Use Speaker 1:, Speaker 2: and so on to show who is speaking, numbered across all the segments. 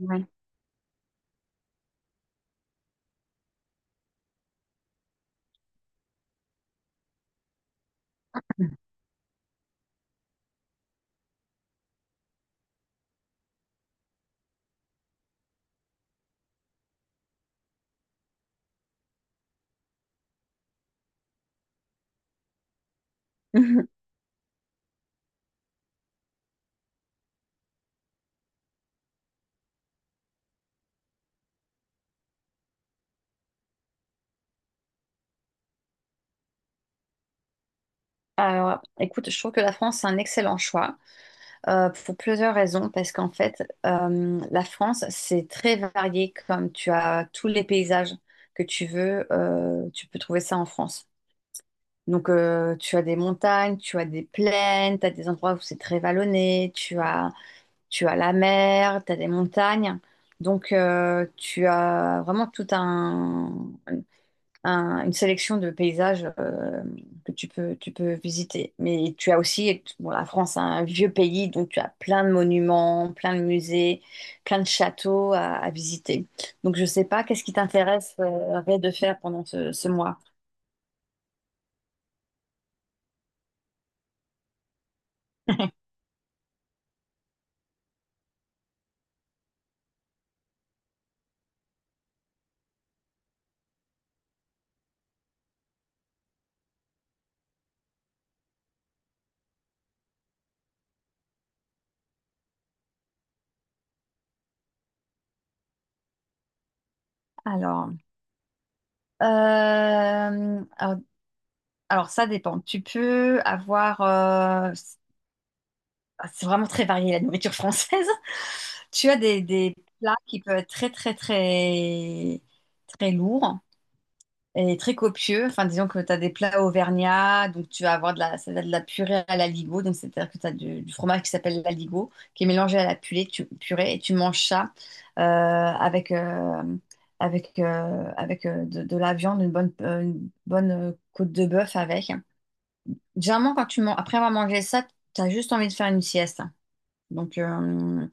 Speaker 1: Ouais. Alors, écoute, je trouve que la France, c'est un excellent choix pour plusieurs raisons, parce qu'en fait, la France, c'est très varié, comme tu as tous les paysages que tu veux, tu peux trouver ça en France. Donc, tu as des montagnes, tu as des plaines, tu as des endroits où c'est très vallonné, tu as la mer, tu as des montagnes. Donc, tu as vraiment une sélection de paysages que tu peux visiter. Mais tu as aussi, bon, la France, c'est un vieux pays, donc tu as plein de monuments, plein de musées, plein de châteaux à visiter. Donc je sais pas, qu'est-ce qui t'intéresse Ray, de faire pendant ce mois? Alors, euh, alors, alors, ça dépend. Tu peux avoir, c'est vraiment très varié la nourriture française. Tu as des plats qui peuvent être très lourds et très copieux. Enfin, disons que tu as des plats auvergnats, donc tu vas avoir ça va être de la purée à l'aligot. Donc, c'est-à-dire que tu as du fromage qui s'appelle l'aligot, qui est mélangé à la purée, purée et tu manges ça euh, avec, euh, avec de la viande, une bonne côte de bœuf avec. Généralement, après avoir mangé ça, tu as juste envie de faire une sieste. Donc, euh,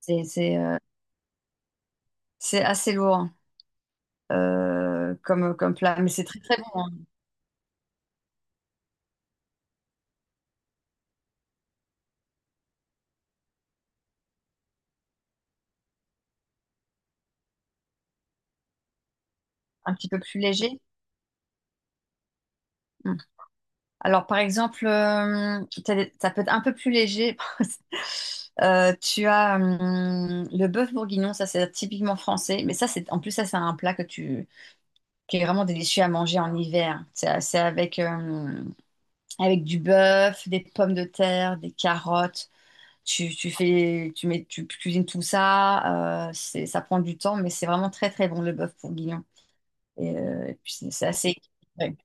Speaker 1: c'est, c'est, euh, c'est assez lourd hein, comme, comme plat, mais c'est très, très bon, un petit peu plus léger. Hum. Alors, par exemple, ça peut être un peu plus léger. Tu as le bœuf bourguignon, ça c'est typiquement français. Mais ça, c'est en plus, ça c'est un plat que tu, qui est vraiment délicieux à manger en hiver. C'est avec, avec du bœuf, des pommes de terre, des carottes. Tu fais, tu mets, Tu cuisines tout ça. Ça prend du temps, mais c'est vraiment très très bon le bœuf bourguignon. Et puis c'est assez équilibré.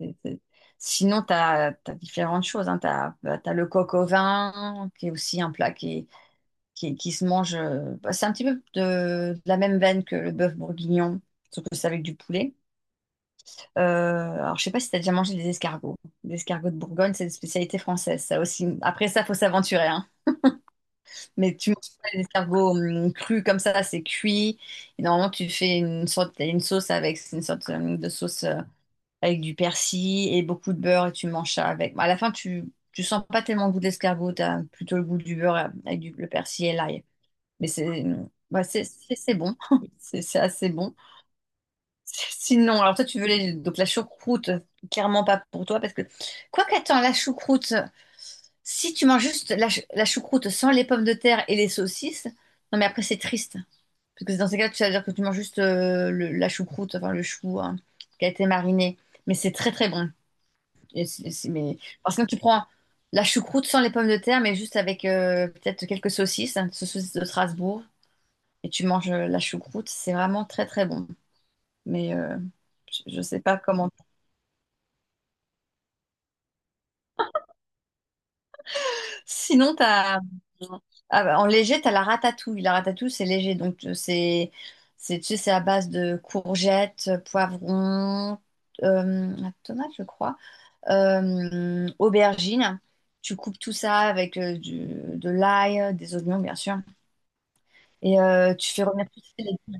Speaker 1: C'est- c'est- Sinon, tu as différentes choses. Hein. Tu as le coq au vin, qui est aussi un plat qui se mange. C'est un petit peu de la même veine que le bœuf bourguignon, sauf que c'est avec du poulet. Euh, alors, je sais pas si tu as déjà mangé des escargots. Les escargots de Bourgogne, c'est une spécialité française, ça aussi. Après ça, faut s'aventurer, hein. Mais tu manges pas les escargots crus comme ça, c'est cuit. Et normalement, tu fais une sorte, une sauce avec, c'est une sorte de sauce avec du persil et beaucoup de beurre et tu manges ça avec. Bon, à la fin, tu sens pas tellement le goût d'escargot, tu as plutôt le goût du beurre avec le persil et l'ail. Mais c'est ouais, c'est bon, c'est assez bon. Sinon, alors toi, donc la choucroute, clairement pas pour toi parce que quoi qu'attends, la choucroute, si tu manges juste la choucroute sans les pommes de terre et les saucisses, non mais après c'est triste parce que dans ces cas, tu vas dire que tu manges juste la choucroute, enfin le chou hein, qui a été mariné, mais c'est très très bon. Et c'est- c'est- mais... Parce que tu prends la choucroute sans les pommes de terre, mais juste avec peut-être quelques saucisses, hein, saucisses de Strasbourg, et tu manges la choucroute, c'est vraiment très très bon. Mais je sais pas comment. Sinon, t'as... ah, bah, en léger, tu as la ratatouille. La ratatouille, c'est léger, donc c'est tu sais, c'est à base de courgettes, poivrons, euh, tomates, je crois, aubergines. Tu coupes tout ça avec de l'ail, des oignons, bien sûr. Et tu fais revenir tous les...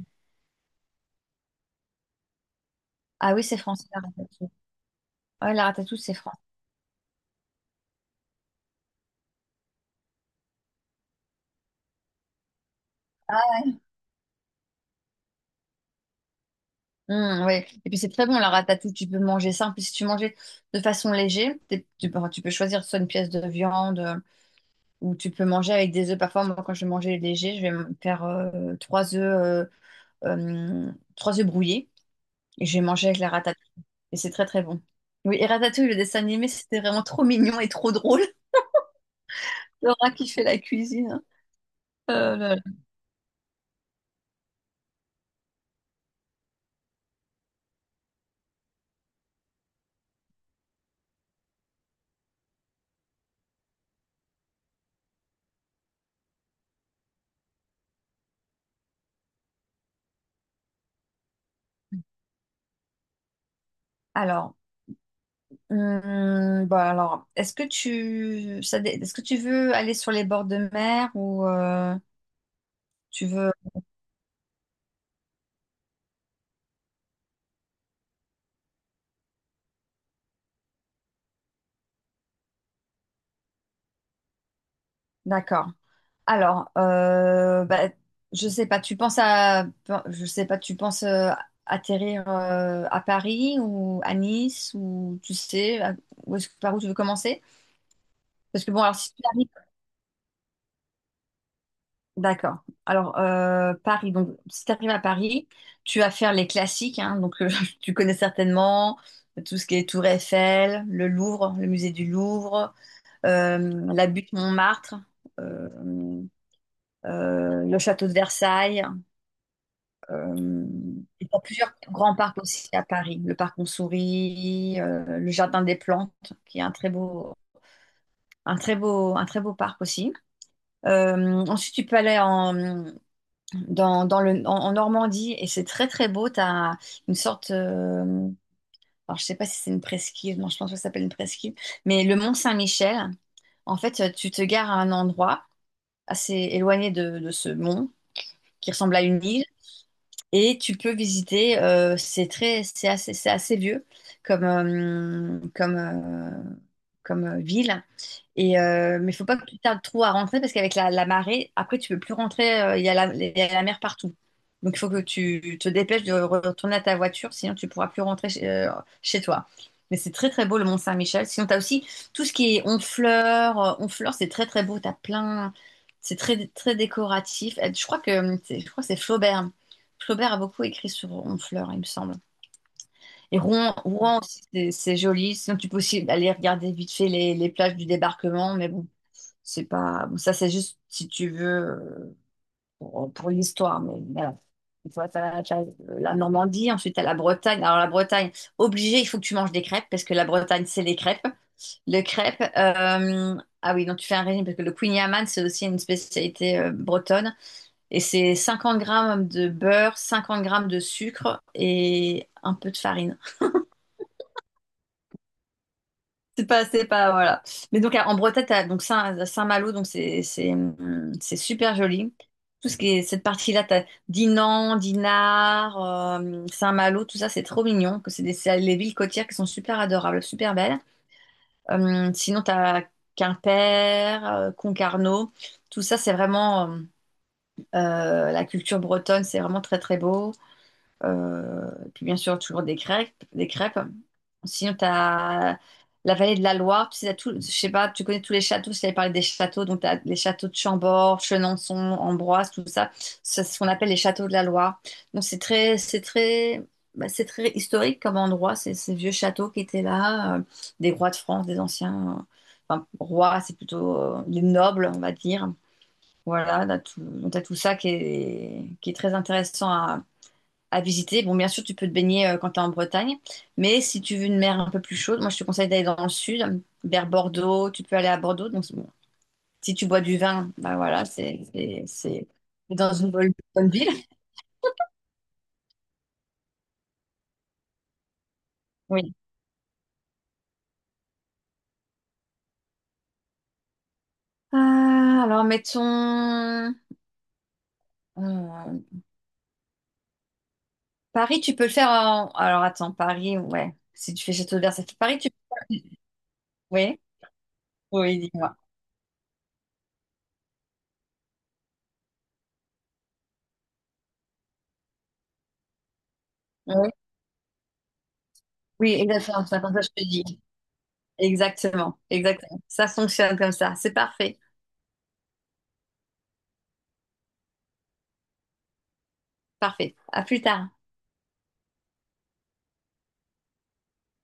Speaker 1: Ah oui, c'est français, la ratatouille. Ouais, la ratatouille, c'est français. Ah, ouais. Et puis c'est très bon, la ratatouille. Tu peux manger simple. Puis si tu manges de façon légère, tu peux choisir soit une pièce de viande ou tu peux manger avec des œufs. Parfois, moi, quand je vais manger léger, je vais me faire euh, trois œufs brouillés et je vais manger avec la ratatouille. Et c'est très, très bon. Oui, et Ratatouille, le dessin animé, c'était vraiment trop mignon et trop drôle. Laura qui fait la cuisine, hein. Là, là. Alors, hum, bah alors, est-ce que tu veux aller sur les bords de mer ou tu veux... D'accord. Alors, je sais pas. Je sais pas. Tu penses atterrir à Paris ou à Nice ou tu sais où est-ce, par où tu veux commencer? Parce que bon, alors si tu arrives D'accord. Alors, donc si tu arrives à Paris, tu vas faire les classiques, hein. Donc tu connais certainement tout ce qui est Tour Eiffel, le Louvre, le musée du Louvre, euh, la butte Montmartre, euh, le château de Versailles. euh, et t'as plusieurs grands parcs aussi à Paris, le parc On Sourit, le jardin des plantes, qui est un très beau parc aussi. Ensuite, tu peux aller en, dans, dans le, en, en Normandie et c'est très très beau. Tu as une sorte, euh, alors je sais pas si c'est une presqu'île, non, je pense pas que ça s'appelle une presqu'île, mais le mont Saint-Michel. En fait, tu te gares à un endroit assez éloigné de ce mont qui ressemble à une île et tu peux visiter, c'est très, c'est assez vieux comme, euh, comme, euh, comme ville. Et, mais il faut pas que tu tardes trop à rentrer parce qu'avec la marée, après, tu peux plus rentrer. Il y a il y a la mer partout. Donc, il faut que tu te dépêches de retourner à ta voiture, sinon tu pourras plus rentrer chez, chez toi. Mais c'est très, très beau, le Mont-Saint-Michel. Sinon, tu as aussi tout ce qui est Honfleur. Honfleur, c'est très, très beau. Tu as plein... C'est très, très décoratif. Je crois que c'est Flaubert. Flaubert a beaucoup écrit sur Honfleur, il me semble. Et Rouen, Rouen aussi, c'est joli. Sinon, tu peux aussi aller regarder vite fait les plages du débarquement, mais bon, c'est pas. Bon, ça, c'est juste si tu veux euh, pour l'histoire, mais voilà. T'as la Normandie, ensuite t'as la Bretagne. Alors la Bretagne, obligé, il faut que tu manges des crêpes parce que la Bretagne, c'est les crêpes. Les crêpes, ah oui, donc tu fais un régime parce que le Queen Yaman, c'est aussi une spécialité bretonne. Et c'est 50 grammes de beurre, 50 grammes de sucre et un peu de farine. C'est pas, Voilà. Mais donc en Bretagne, t'as donc Saint, malo donc c'est super joli. Tout ce qui est cette partie-là, t'as Dinan, Dinard, Saint-Malo, tout ça, c'est trop mignon. Que c'est des, c'est les villes côtières qui sont super adorables, super belles. Sinon, t'as Quimper, Concarneau. Tout ça, c'est vraiment la culture bretonne, c'est vraiment très très beau. Puis bien sûr, toujours des crêpes, des crêpes. Sinon, tu as la vallée de la Loire. Tu sais, t'as tout, je sais pas, tu connais tous les châteaux. Je t'avais parlé des châteaux. Donc, tu as les châteaux de Chambord, Chenonceau, Ambroise, tout ça. C'est ce qu'on appelle les châteaux de la Loire. Donc, c'est très, bah, c'est très historique comme endroit. C'est ces vieux châteaux qui étaient là, des rois de France, des anciens. Enfin, rois, c'est plutôt les nobles, on va dire. Voilà, donc t'as tout ça qui est très intéressant à visiter. Bon, bien sûr, tu peux te baigner quand tu es en Bretagne, mais si tu veux une mer un peu plus chaude, moi je te conseille d'aller dans le sud, vers Bordeaux. Tu peux aller à Bordeaux. Donc, c'est bon, si tu bois du vin, bah voilà, c'est dans bonne ville. Oui. Ah, alors, mettons. Euh, Paris, tu peux le faire en. Alors, attends, Paris, ouais. Si tu fais Château de Versailles, Paris, tu. Oui, oui, dis-moi. Oui, oui, exactement. C'est comme ça que je te dis. Exactement, exactement. Ça fonctionne comme ça. C'est parfait, parfait. À plus tard.